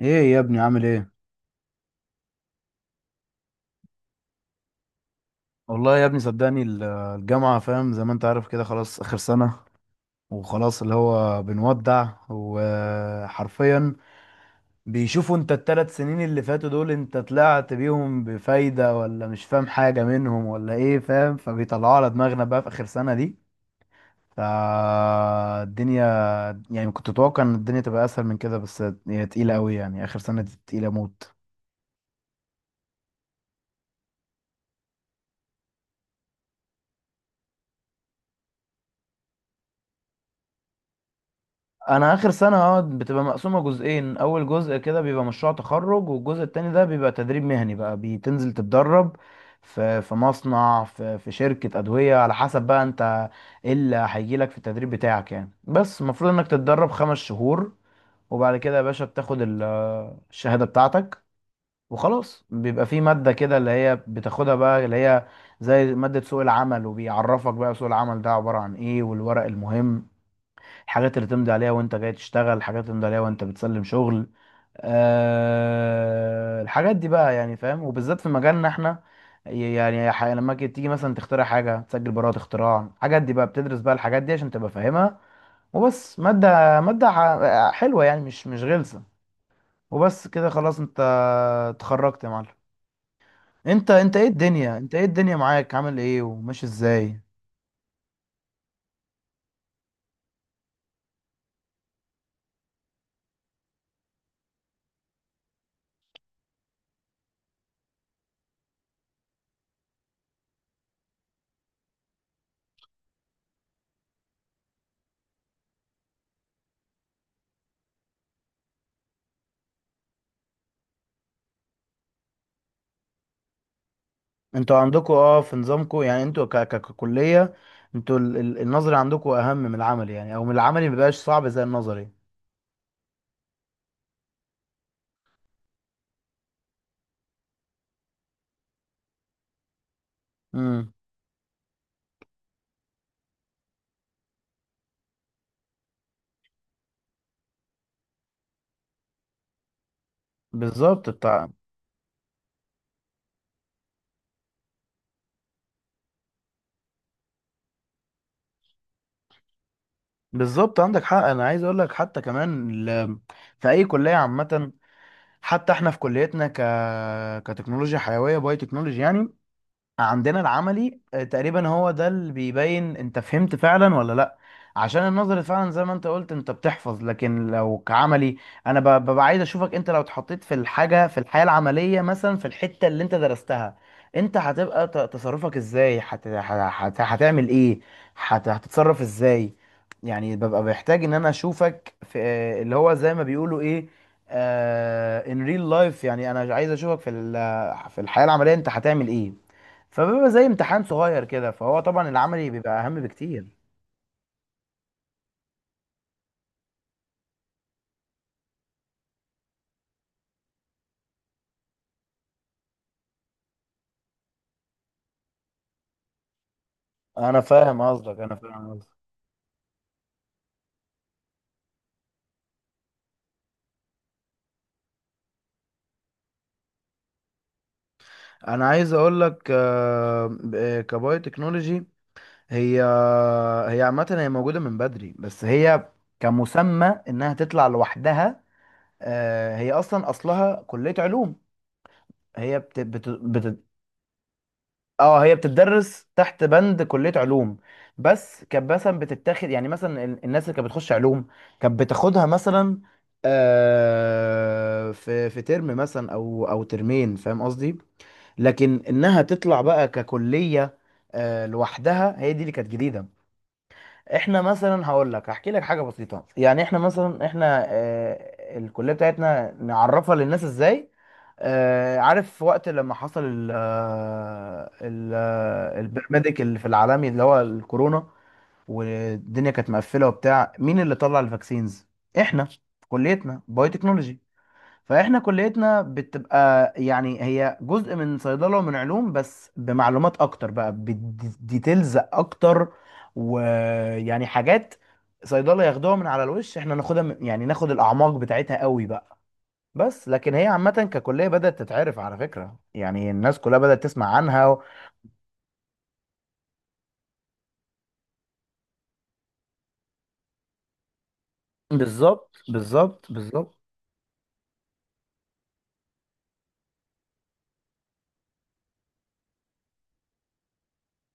ايه يا ابني، عامل ايه؟ والله يا ابني، صدقني، الجامعة، فاهم زي ما انت عارف كده، خلاص اخر سنة. وخلاص اللي هو بنودع، وحرفيا بيشوفوا انت ال 3 سنين اللي فاتوا دول انت طلعت بيهم بفايدة، ولا مش فاهم حاجة منهم، ولا ايه؟ فاهم؟ فبيطلعوا على دماغنا بقى في اخر سنة دي. فالدنيا، يعني كنت اتوقع ان الدنيا تبقى اسهل من كده، بس هي تقيلة قوي، يعني اخر سنة دي تقيلة موت. انا اخر سنه بتبقى مقسومه جزئين، اول جزء كده بيبقى مشروع تخرج، والجزء التاني ده بيبقى تدريب مهني، بقى بتنزل تتدرب في مصنع، في شركه ادويه، على حسب بقى انت ايه اللي هيجي لك في التدريب بتاعك يعني. بس المفروض انك تتدرب 5 شهور، وبعد كده يا باشا بتاخد الشهاده بتاعتك، وخلاص بيبقى في ماده كده اللي هي بتاخدها بقى، اللي هي زي ماده سوق العمل، وبيعرفك بقى سوق العمل ده عباره عن ايه، والورق المهم، الحاجات اللي تمضي عليها وانت جاي تشتغل، الحاجات اللي تمضي عليها وانت بتسلم شغل. أه الحاجات دي بقى، يعني، فاهم؟ وبالذات في مجالنا احنا، يعني، لما تيجي مثلا تخترع حاجة، تسجل براءة اختراع، الحاجات دي بقى بتدرس بقى الحاجات دي عشان تبقى فاهمها. وبس مادة، مادة حلوة يعني، مش غلسة، وبس كده خلاص. انت اتخرجت يا معلم؟ انت ايه الدنيا؟ انت ايه الدنيا معاك؟ عامل ايه وماشي ازاي؟ انتوا عندكوا اه في نظامكوا، يعني انتوا ككلية، انتوا النظري عندكوا اهم من العملي، يعني او من العملي مبيبقاش صعب زي النظري. امم. بالظبط بتاع. بالظبط، عندك حق، انا عايز اقول لك، حتى كمان، ال... في اي كلية عامة، حتى احنا في كليتنا، كتكنولوجيا حيوية، باي تكنولوجي يعني، عندنا العملي تقريبا هو ده اللي بيبين انت فهمت فعلا ولا لا، عشان النظري فعلا زي ما انت قلت انت بتحفظ، لكن لو كعملي، انا ببقى عايز اشوفك انت لو اتحطيت في الحاجة، في الحياة العملية، مثلا في الحتة اللي انت درستها، انت هتبقى تصرفك ازاي؟ هتعمل ايه؟ هتتصرف ازاي؟ يعني ببقى محتاج ان انا اشوفك في اللي هو زي ما بيقولوا ايه، ان ريل لايف، يعني انا عايز اشوفك في ال... في الحياة العملية، انت هتعمل ايه؟ فبيبقى زي امتحان صغير كده، فهو طبعا العملي بيبقى اهم بكتير. انا فاهم قصدك. انا عايز اقول لك كبايو تكنولوجي، هي هي عامه، هي موجوده من بدري، بس هي كمسمى انها تطلع لوحدها، هي اصلا اصلها كليه علوم، هي اه هي بتدرس تحت بند كلية علوم، بس كانت مثلا بتتاخد، يعني مثلا ال- الناس اللي كانت بتخش علوم كانت بتاخدها مثلا في ترم مثلا او ترمين، فاهم قصدي، لكن انها تطلع بقى ككلية لوحدها، هي دي اللي كانت جديدة. احنا مثلا هقول لك، هحكي لك حاجه بسيطه يعني، احنا مثلا احنا آه، الكليه بتاعتنا نعرفها للناس ازاي؟ عارف وقت لما حصل ال آه، ال آه، البرميديك اللي في العالمي، اللي هو الكورونا والدنيا كانت مقفله وبتاع، مين اللي طلع الفاكسينز؟ احنا، كليتنا بايو تكنولوجي، فاحنا كليتنا بتبقى، يعني هي جزء من صيدله ومن علوم، بس بمعلومات اكتر بقى، بديتيلز اكتر، ويعني حاجات صيدله ياخدوها من على الوش، احنا ناخدها من- يعني ناخد الاعماق بتاعتها قوي بقى، بس لكن هي عامه ككليه بدات تتعرف، على فكره يعني الناس كلها بدات تسمع عنها. و... بالظبط، بالظبط، بالظبط.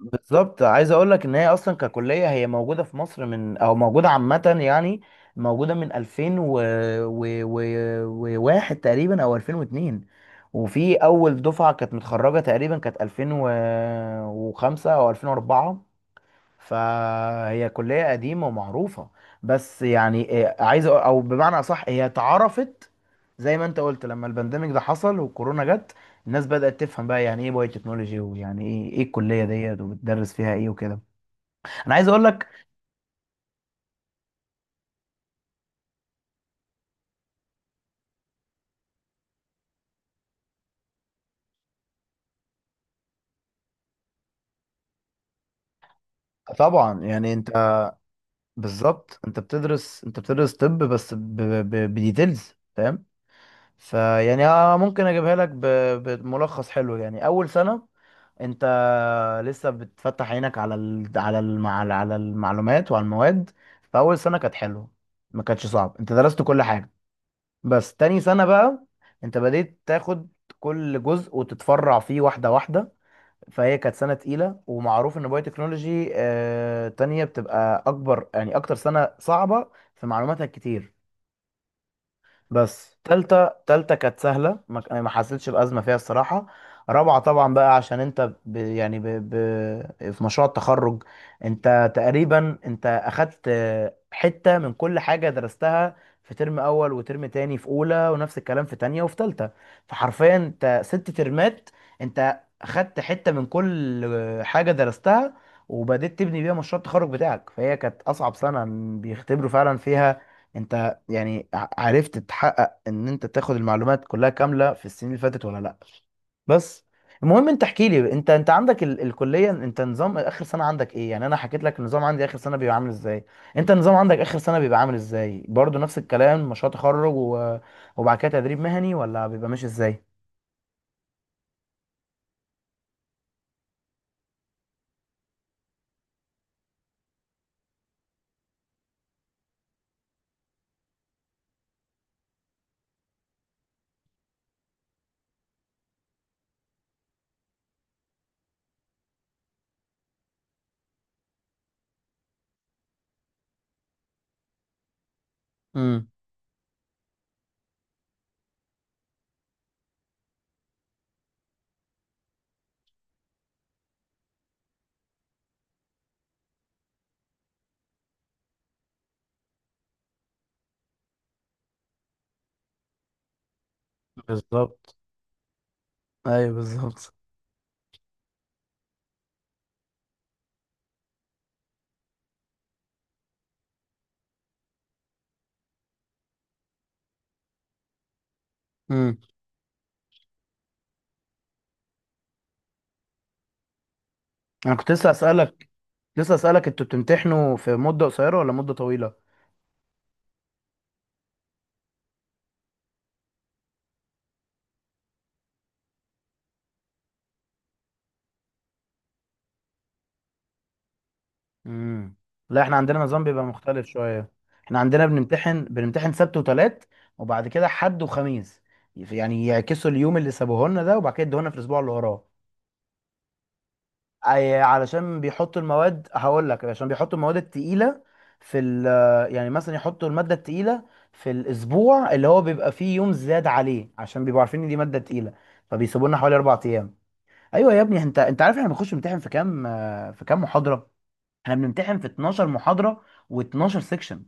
بالظبط، عايز اقول لك ان هي اصلا ككليه هي موجوده في مصر من، او موجوده عامه يعني، موجوده من 2000 و... و... وواحد تقريبا، او 2002، وفي اول دفعه كانت متخرجه تقريبا كانت 2005 او 2004. فهي كلية قديمة ومعروفة، بس يعني إيه، عايز او بمعنى اصح هي اتعرفت زي ما انت قلت لما البانديميك ده حصل، والكورونا جت، الناس بدأت تفهم بقى يعني ايه بايو تكنولوجي، ويعني ايه ايه الكلية ديت وبتدرس فيها ايه وكده. انا عايز اقول لك، طبعا يعني، انت بالظبط انت بتدرس، انت بتدرس طب، بس بديتيلز فاهم، فيعني ممكن اجيبها لك بملخص حلو يعني. اول سنة انت لسه بتفتح عينك على ال... على الم... على على المعلومات وعلى المواد، فاول سنه كانت حلوه، ما كانتش صعب، انت درست كل حاجه. بس تاني سنه بقى انت بديت تاخد كل جزء وتتفرع فيه واحده واحده، فهي كانت سنه تقيله، ومعروف ان بايو تكنولوجي تانية بتبقى اكبر، يعني اكتر سنه صعبه في معلوماتها كتير. بس تالتة كانت سهلة، ما حسيتش بأزمة فيها الصراحة. رابعة طبعا بقى عشان انت ب... يعني ب... ب... في مشروع التخرج، انت تقريبا انت اخدت حتة من كل حاجة درستها، في ترم اول وترم تاني، في اولى، ونفس الكلام في تانية وفي تالتة، فحرفيا انت 6 ترمات انت اخدت حتة من كل حاجة درستها، وبدأت تبني بيها مشروع التخرج بتاعك، فهي كانت اصعب سنة، بيختبروا فعلا فيها انت، يعني عرفت تحقق ان انت تاخد المعلومات كلها كامله في السنين اللي فاتت ولا لا. بس المهم انت احكي لي، انت عندك ال الكليه، انت نظام اخر سنه عندك ايه يعني؟ انا حكيت لك النظام عندي، اخر سنه بيبقى عامل ازاي، انت النظام عندك اخر سنه بيبقى عامل ازاي؟ برضو نفس الكلام، مشروع تخرج، و... وبعد كده تدريب مهني، ولا بيبقى ماشي ازاي؟ امم. بالظبط، ايوه بالظبط. امم. انا كنت لسه اسالك، انتوا بتمتحنوا في مده قصيره ولا مده طويله؟ امم. لا، احنا عندنا نظام بيبقى مختلف شويه، احنا عندنا بنمتحن سبت وتلات، وبعد كده حد وخميس، يعني يعكسوا اليوم اللي سابوه لنا ده، وبعد كده يدوه لنا في الاسبوع اللي وراه. أي، علشان بيحطوا المواد، هقول لك عشان بيحطوا المواد التقيله في ال، يعني مثلا يحطوا الماده التقيله في الاسبوع اللي هو بيبقى فيه يوم زاد عليه، عشان بيبقوا عارفين ان دي ماده تقيله، فبيسيبوا لنا حوالي 4 ايام. ايوه يا ابني، انت انت عارف احنا بنخش نمتحن في كام محاضره؟ احنا بنمتحن في 12 محاضرة و12 سيكشن.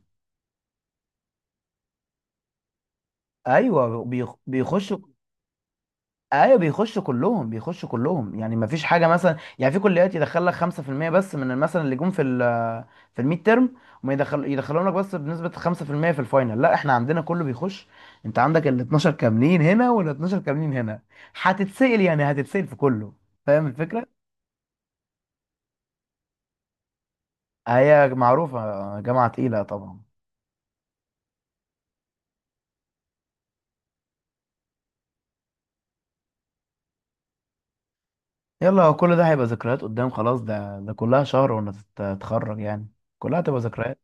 ايوه بيخشوا. ايوه بيخشوا كلهم، بيخشوا كلهم، يعني ما فيش حاجه، مثلا يعني في كليات يدخل لك 5% بس من مثلا اللي جم في الميد تيرم، وما يدخل، يدخلهم لك بس بنسبه 5% في المية في الفاينل. لا احنا عندنا كله بيخش، انت عندك ال 12 كاملين هنا، وال 12 كاملين هنا، هتتسأل، يعني هتتسأل في كله، فاهم الفكره؟ هي معروفه جامعه تقيله طبعا. يلا، هو كل ده هيبقى ذكريات قدام، خلاص، ده كلها شهر وانا تتخرج يعني، كلها هتبقى ذكريات.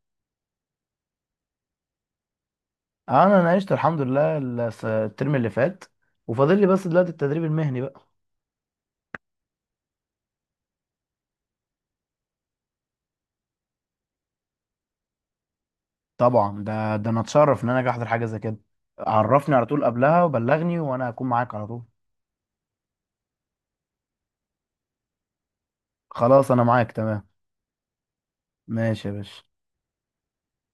انا ناقشت الحمد لله الترم اللي فات، وفاضل لي بس دلوقتي التدريب المهني بقى. طبعا، ده انا اتشرف ان انا اجي احضر حاجه زي كده، عرفني على طول قبلها وبلغني، وانا هكون معاك على طول. خلاص انا معاك، تمام. ماشي يا باشا.